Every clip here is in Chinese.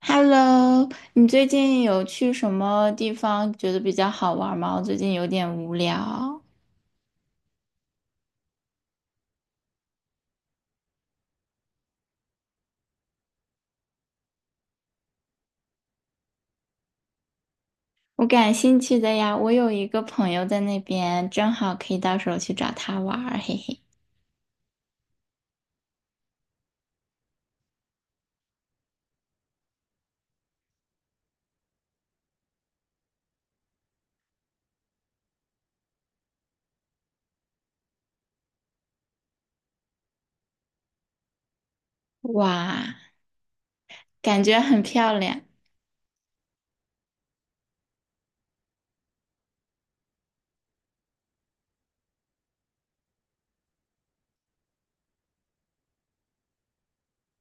Hello，你最近有去什么地方觉得比较好玩吗？我最近有点无聊。我感兴趣的呀。我有一个朋友在那边，正好可以到时候去找他玩儿嘿嘿。哇，感觉很漂亮。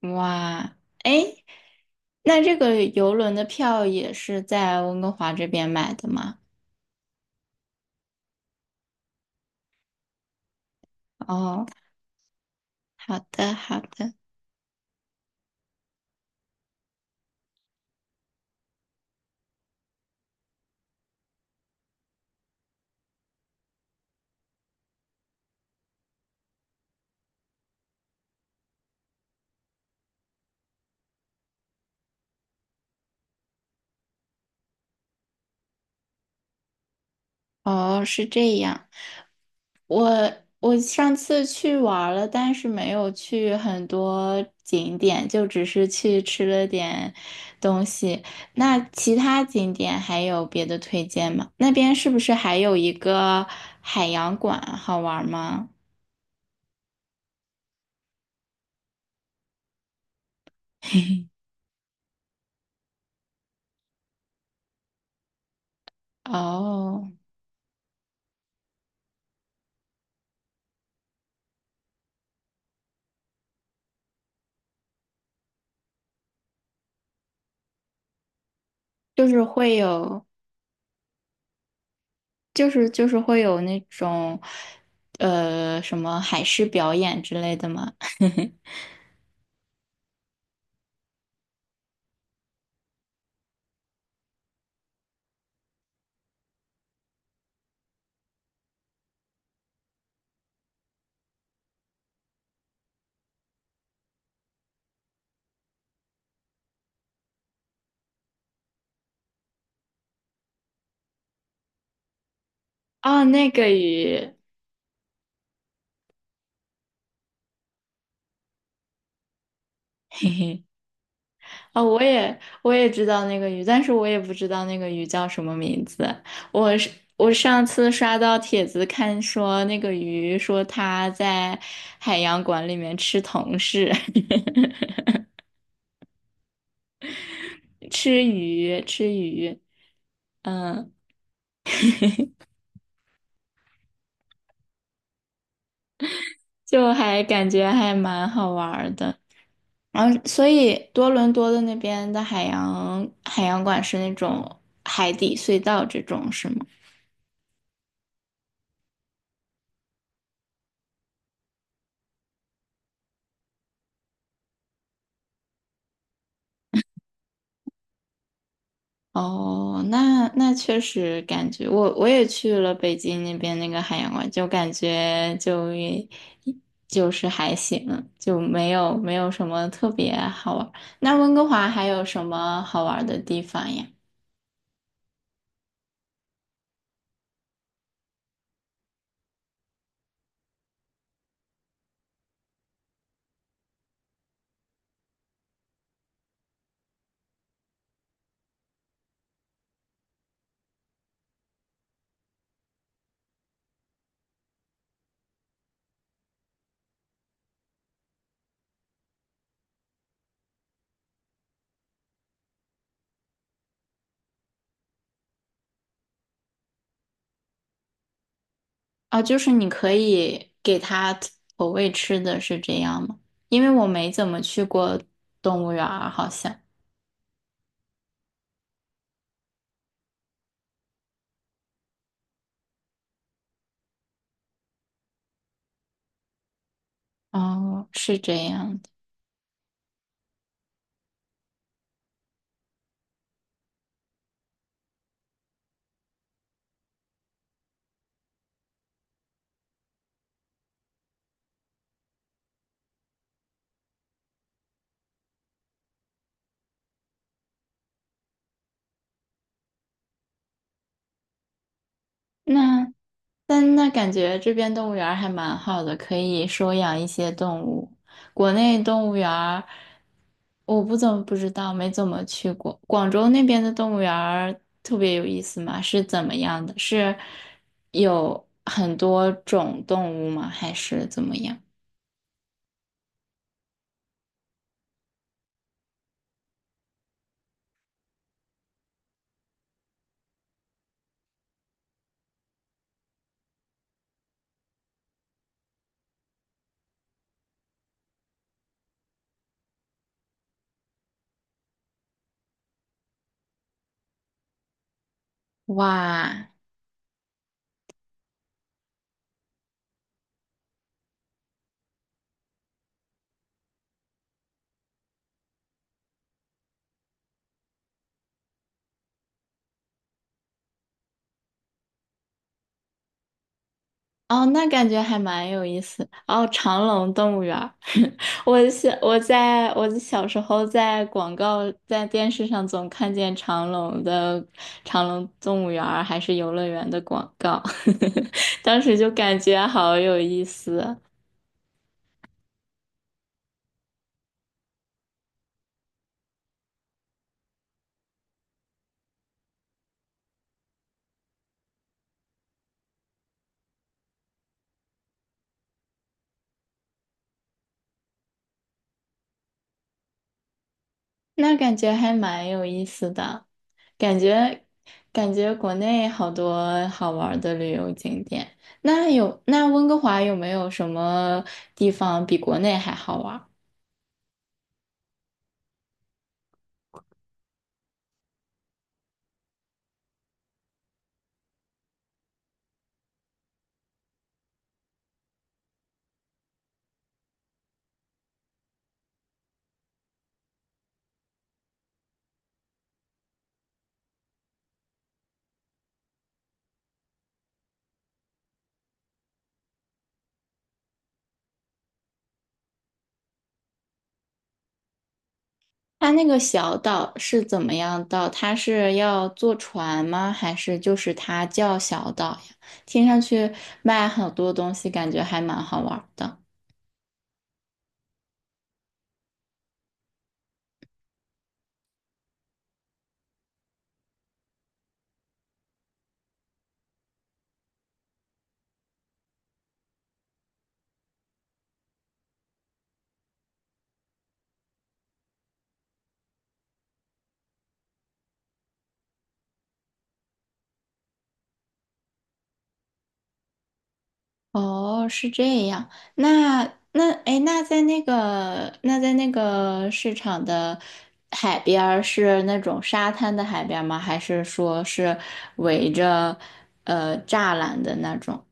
哇，哎，那这个游轮的票也是在温哥华这边买的吗？哦，好的，好的。哦，是这样。我我上次去玩儿了，但是没有去很多景点，就只是去吃了点东西。那其他景点还有别的推荐吗？那边是不是还有一个海洋馆好玩儿吗？哦，就是会有，就是就是会有那种，什么海狮表演之类的吗？哦，那个鱼。哦，我也知道那个鱼，但是我也不知道那个鱼叫什么名字。我是我上次刷到帖子看说那个鱼说它在海洋馆里面吃同事。吃鱼吃鱼。嗯，就还感觉还蛮好玩儿的。然后，所以多伦多的那边的海洋馆是那种海底隧道这种是吗？哦，那那确实感觉我也去了北京那边那个海洋馆，就感觉就也就是还行，就没有什么特别好玩儿。那温哥华还有什么好玩儿的地方呀？哦，就是你可以给它投喂吃的是这样吗？因为我没怎么去过动物园儿，好像。哦，是这样的。那但那感觉这边动物园儿还蛮好的，可以收养一些动物。国内动物园儿我不知道，没怎么去过。广州那边的动物园儿特别有意思吗？是怎么样的？是有很多种动物吗？还是怎么样？哇，哦，那感觉还蛮有意思。哦，长隆动物园儿，我小时候在广告在电视上总看见长隆的长隆动物园儿还是游乐园的广告，当时就感觉好有意思。那感觉还蛮有意思的，感觉感觉国内好多好玩儿的旅游景点。那温哥华有没有什么地方比国内还好玩。它那个小岛是怎么样到？它是要坐船吗？还是就是它叫小岛呀？听上去卖很多东西，感觉还蛮好玩的。哦，是这样。那那那在那个市场的海边儿是那种沙滩的海边儿吗？还是说是围着栅栏的那种？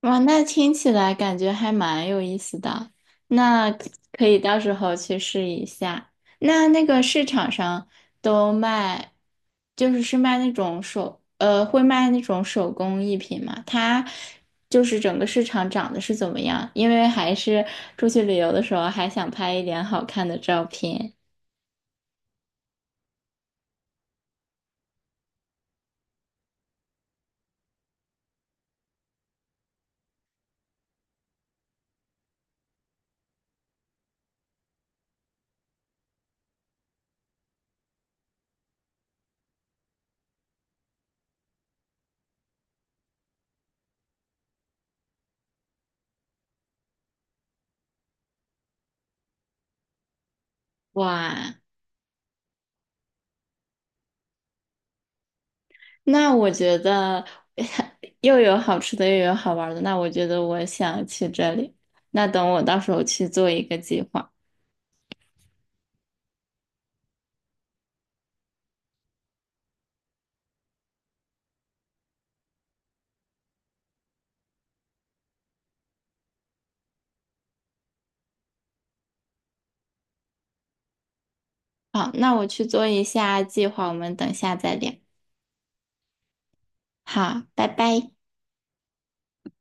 哇，那听起来感觉还蛮有意思的，那可以到时候去试一下。那那个市场上都卖，是卖那种会卖那种手工艺品嘛？它就是整个市场长得是怎么样？因为还是出去旅游的时候还想拍一点好看的照片。哇，那我觉得 又有好吃的，又有好玩的，那我觉得我想去这里。那等我到时候去做一个计划。好，那我去做一下计划，我们等下再聊。好，拜拜。